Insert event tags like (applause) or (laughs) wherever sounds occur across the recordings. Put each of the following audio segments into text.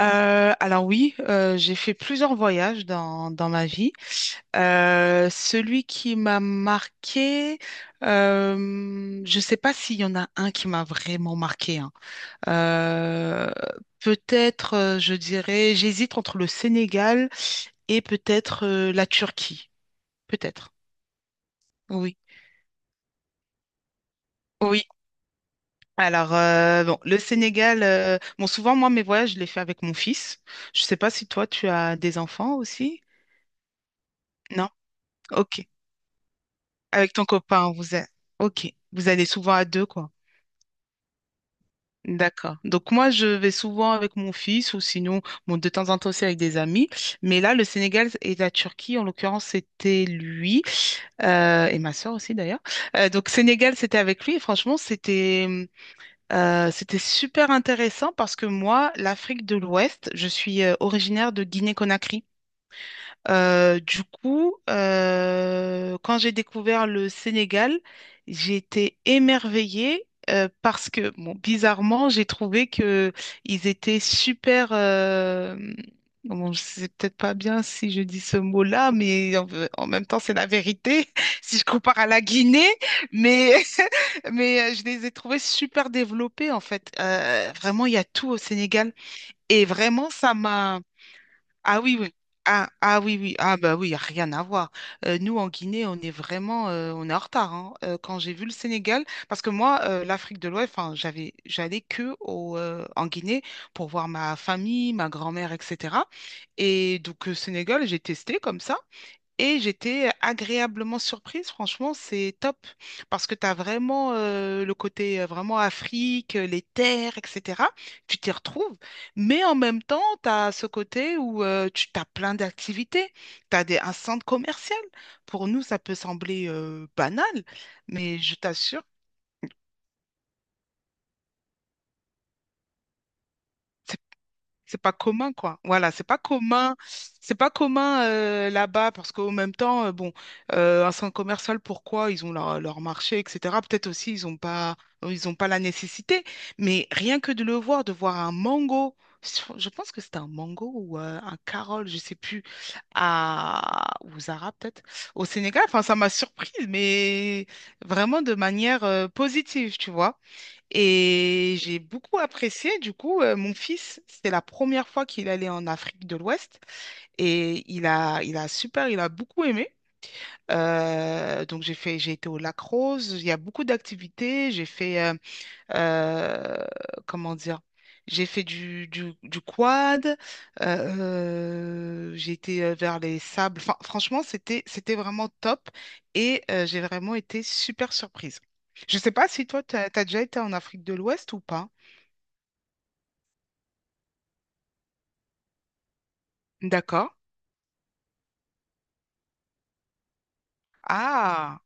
Alors oui, j'ai fait plusieurs voyages dans ma vie. Celui qui m'a marqué, euh, je ne sais pas s'il y en a un qui m'a vraiment marqué, hein. Euh, peut-être, je dirais, j'hésite entre le Sénégal et peut-être la Turquie. Peut-être. Oui. Oui. Alors, le Sénégal, bon, souvent, moi, mes voyages, je les fais avec mon fils. Je ne sais pas si toi, tu as des enfants aussi. Non? Ok. Avec ton copain, vous êtes... Ok, vous allez souvent à deux, quoi. D'accord. Donc moi, je vais souvent avec mon fils ou sinon, bon, de temps en temps aussi avec des amis. Mais là, le Sénégal et la Turquie, en l'occurrence, c'était lui et ma soeur aussi d'ailleurs. Donc Sénégal, c'était avec lui et franchement, c'était super intéressant parce que moi, l'Afrique de l'Ouest, je suis originaire de Guinée-Conakry. Du coup, quand j'ai découvert le Sénégal, j'ai été émerveillée parce que, bon, bizarrement, j'ai trouvé que ils étaient super. Bon, c'est peut-être pas bien si je dis ce mot-là, mais en même temps, c'est la vérité (laughs) si je compare à la Guinée. Mais, (laughs) mais je les ai trouvés super développés en fait. Vraiment, il y a tout au Sénégal et vraiment, ça m'a ah oui, oui. Ah, ah oui, oui. Ah bah oui, y a rien à voir. Nous, en Guinée, on est vraiment on est en retard, hein. Quand j'ai vu le Sénégal, parce que moi, l'Afrique de l'Ouest, enfin, j'allais que au, en Guinée pour voir ma famille, ma grand-mère, etc. Et donc, le Sénégal, j'ai testé comme ça. Et j'étais agréablement surprise, franchement, c'est top, parce que tu as vraiment le côté vraiment Afrique, les terres, etc. Tu t'y retrouves, mais en même temps, tu as ce côté où tu as plein d'activités, un centre commercial. Pour nous, ça peut sembler banal, mais je t'assure. C'est pas commun, quoi. Voilà, c'est pas commun. C'est pas commun là-bas parce qu'au même temps, un centre commercial, pourquoi? Ils ont leur marché, etc. Peut-être aussi, ils ont pas la nécessité. Mais rien que de le voir, de voir un mango, je pense que c'était un mango ou un carole, je sais plus, à ou Zara peut-être, au Sénégal. Enfin, ça m'a surprise, mais vraiment de manière positive, tu vois. Et j'ai beaucoup apprécié, du coup, mon fils, c'était la première fois qu'il allait en Afrique de l'Ouest et il a super, il a beaucoup aimé. J'ai été au Lac Rose, il y a beaucoup d'activités, j'ai fait, euh, comment dire, j'ai fait du quad, j'ai été vers les sables, enfin franchement c'était vraiment top et j'ai vraiment été super surprise. Je sais pas si toi, tu as déjà été en Afrique de l'Ouest ou pas. D'accord. Ah,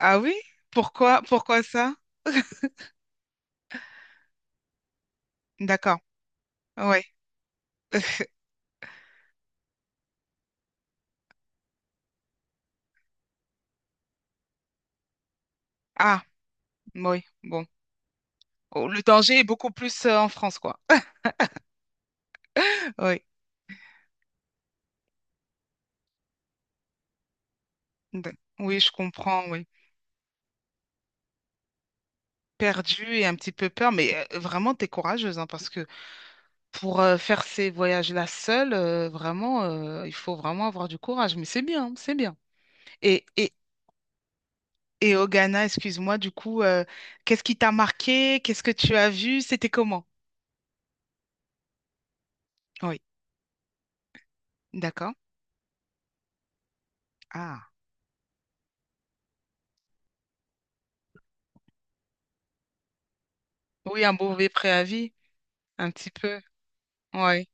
ah oui? Pourquoi, pourquoi ça? D'accord. Oui. Ah, oui. Bon. Oh, le danger est beaucoup plus en France, quoi. (laughs) Oui. D- Oui, je comprends. Oui. Perdu et un petit peu peur, mais vraiment, t'es courageuse, hein, parce que pour faire ces voyages-là seule, il faut vraiment avoir du courage. Mais c'est bien, c'est bien. Et, et, et au Ghana, excuse-moi, du coup, qu'est-ce qui t'a marqué? Qu'est-ce que tu as vu? C'était comment? Oui. D'accord. Ah. Oui, un mauvais préavis. Un petit peu, ouais.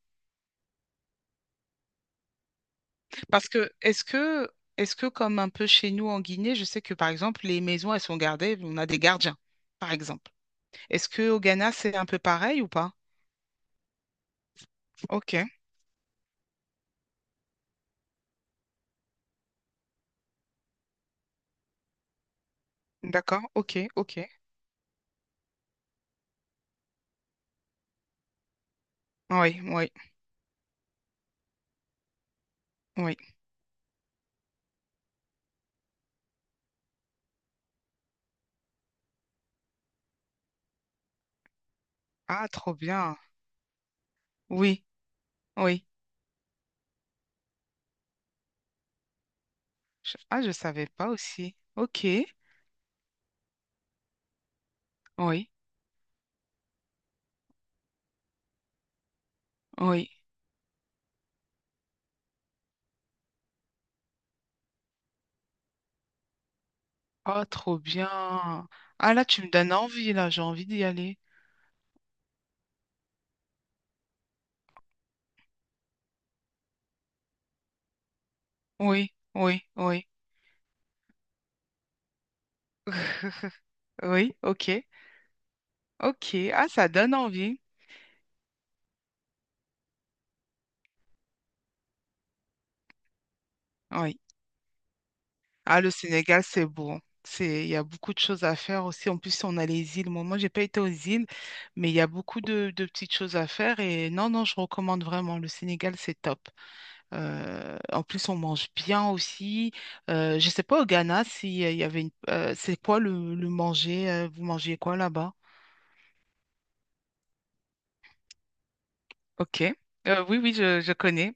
Parce que est-ce que est-ce que comme un peu chez nous en Guinée, je sais que par exemple les maisons elles sont gardées, on a des gardiens, par exemple. Est-ce que au Ghana c'est un peu pareil ou pas? Ok, d'accord, ok, ok. Oui, oui, oui. Ah, trop bien. Oui, oui. Ah, je savais pas aussi. Ok, oui, oui. Ah, trop bien. Ah là, tu me donnes envie là, j'ai envie d'y aller. Oui, oui, oui. (laughs) Oui, ok, ok. Ah, ça donne envie. Oui. Ah, le Sénégal, c'est beau. C'est, il y a beaucoup de choses à faire aussi. En plus, on a les îles. Moi, j'ai pas été aux îles, mais il y a beaucoup de petites choses à faire. Et non, non, je recommande vraiment. Le Sénégal, c'est top. En plus, on mange bien aussi. Je sais pas au Ghana si il y avait une. C'est quoi le manger? Vous mangez quoi là-bas? Ok. Oui, oui, je connais.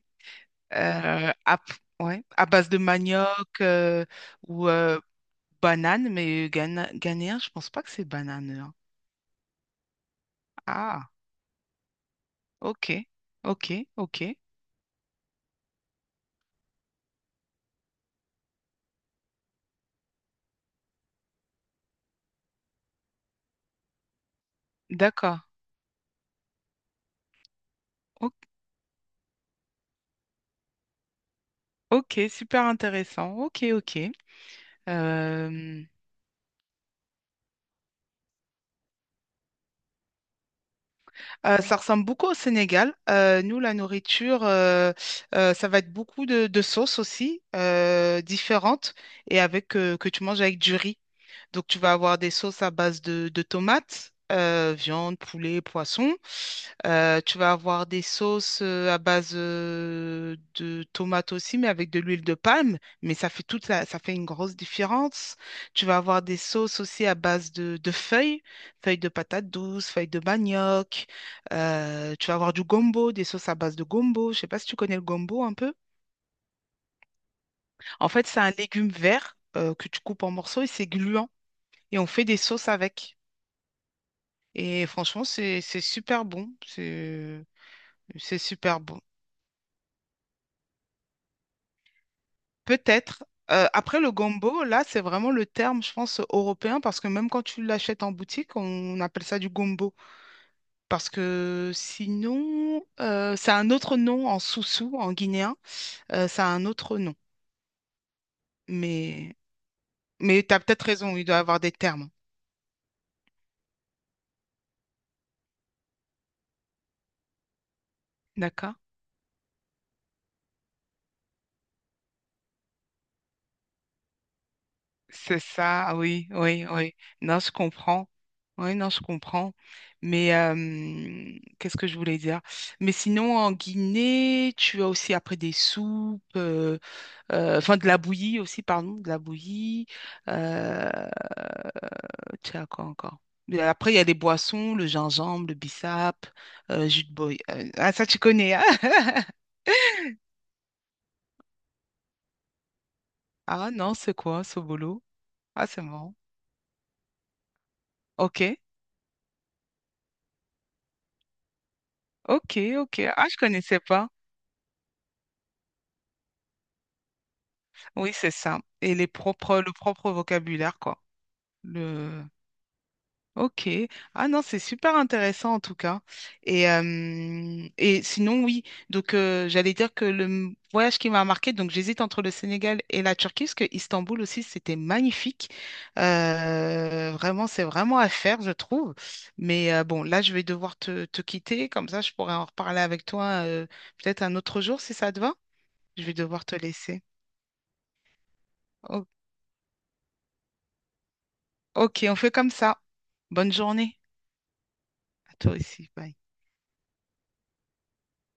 Euh, à, ouais, à base de manioc ou banane, mais Ghana, ghanéen, je pense pas que c'est banane. Ah, ok, ok, ok. D'accord. O- Ok, super intéressant. Ok, ok. Euh, ça ressemble beaucoup au Sénégal. Nous, la nourriture, ça va être beaucoup de sauces aussi, différentes, et avec que tu manges avec du riz. Donc, tu vas avoir des sauces à base de tomates, viande, poulet, poisson. Tu vas avoir des sauces à base de tomates aussi, mais avec de l'huile de palme. Mais ça fait ça fait une grosse différence. Tu vas avoir des sauces aussi à base de feuilles, feuilles de patates douces, feuilles de manioc. Tu vas avoir du gombo, des sauces à base de gombo. Je sais pas si tu connais le gombo un peu. En fait, c'est un légume vert que tu coupes en morceaux et c'est gluant. Et on fait des sauces avec. Et franchement, c'est super bon. C'est super bon. Peut-être. Après, le gombo, là, c'est vraiment le terme, je pense, européen, parce que même quand tu l'achètes en boutique, on appelle ça du gombo. Parce que sinon, c'est un autre nom en soussou, en guinéen, ça a un autre nom. Mais, mais tu as peut-être raison, il doit avoir des termes. D'accord? C'est ça, ah oui, oui, oui. Non, je comprends. Oui, non, je comprends. Mais qu'est-ce que je voulais dire? Mais sinon, en Guinée, tu as aussi après des soupes, enfin de la bouillie aussi, pardon, de la bouillie. Euh, tu as quoi encore? Mais après, il y a les boissons, le gingembre, le bissap, jus de boy. Ah, ça, tu connais, hein? (laughs) Ah non, c'est quoi, ce boulot? Ah, c'est marrant. Ok, ok, ok. Ah, je connaissais pas. Oui, c'est ça. Et les propres, le propre vocabulaire, quoi. Le... Ok. Ah non, c'est super intéressant en tout cas. Et sinon, oui. Donc, j'allais dire que le voyage qui m'a marqué, donc j'hésite entre le Sénégal et la Turquie, parce que Istanbul aussi, c'était magnifique. Vraiment, c'est vraiment à faire, je trouve. Mais bon, là, je vais devoir te quitter. Comme ça, je pourrais en reparler avec toi peut-être un autre jour, si ça te va. Je vais devoir te laisser. OK. Ok, on fait comme ça. Bonne journée à toi aussi. Bye.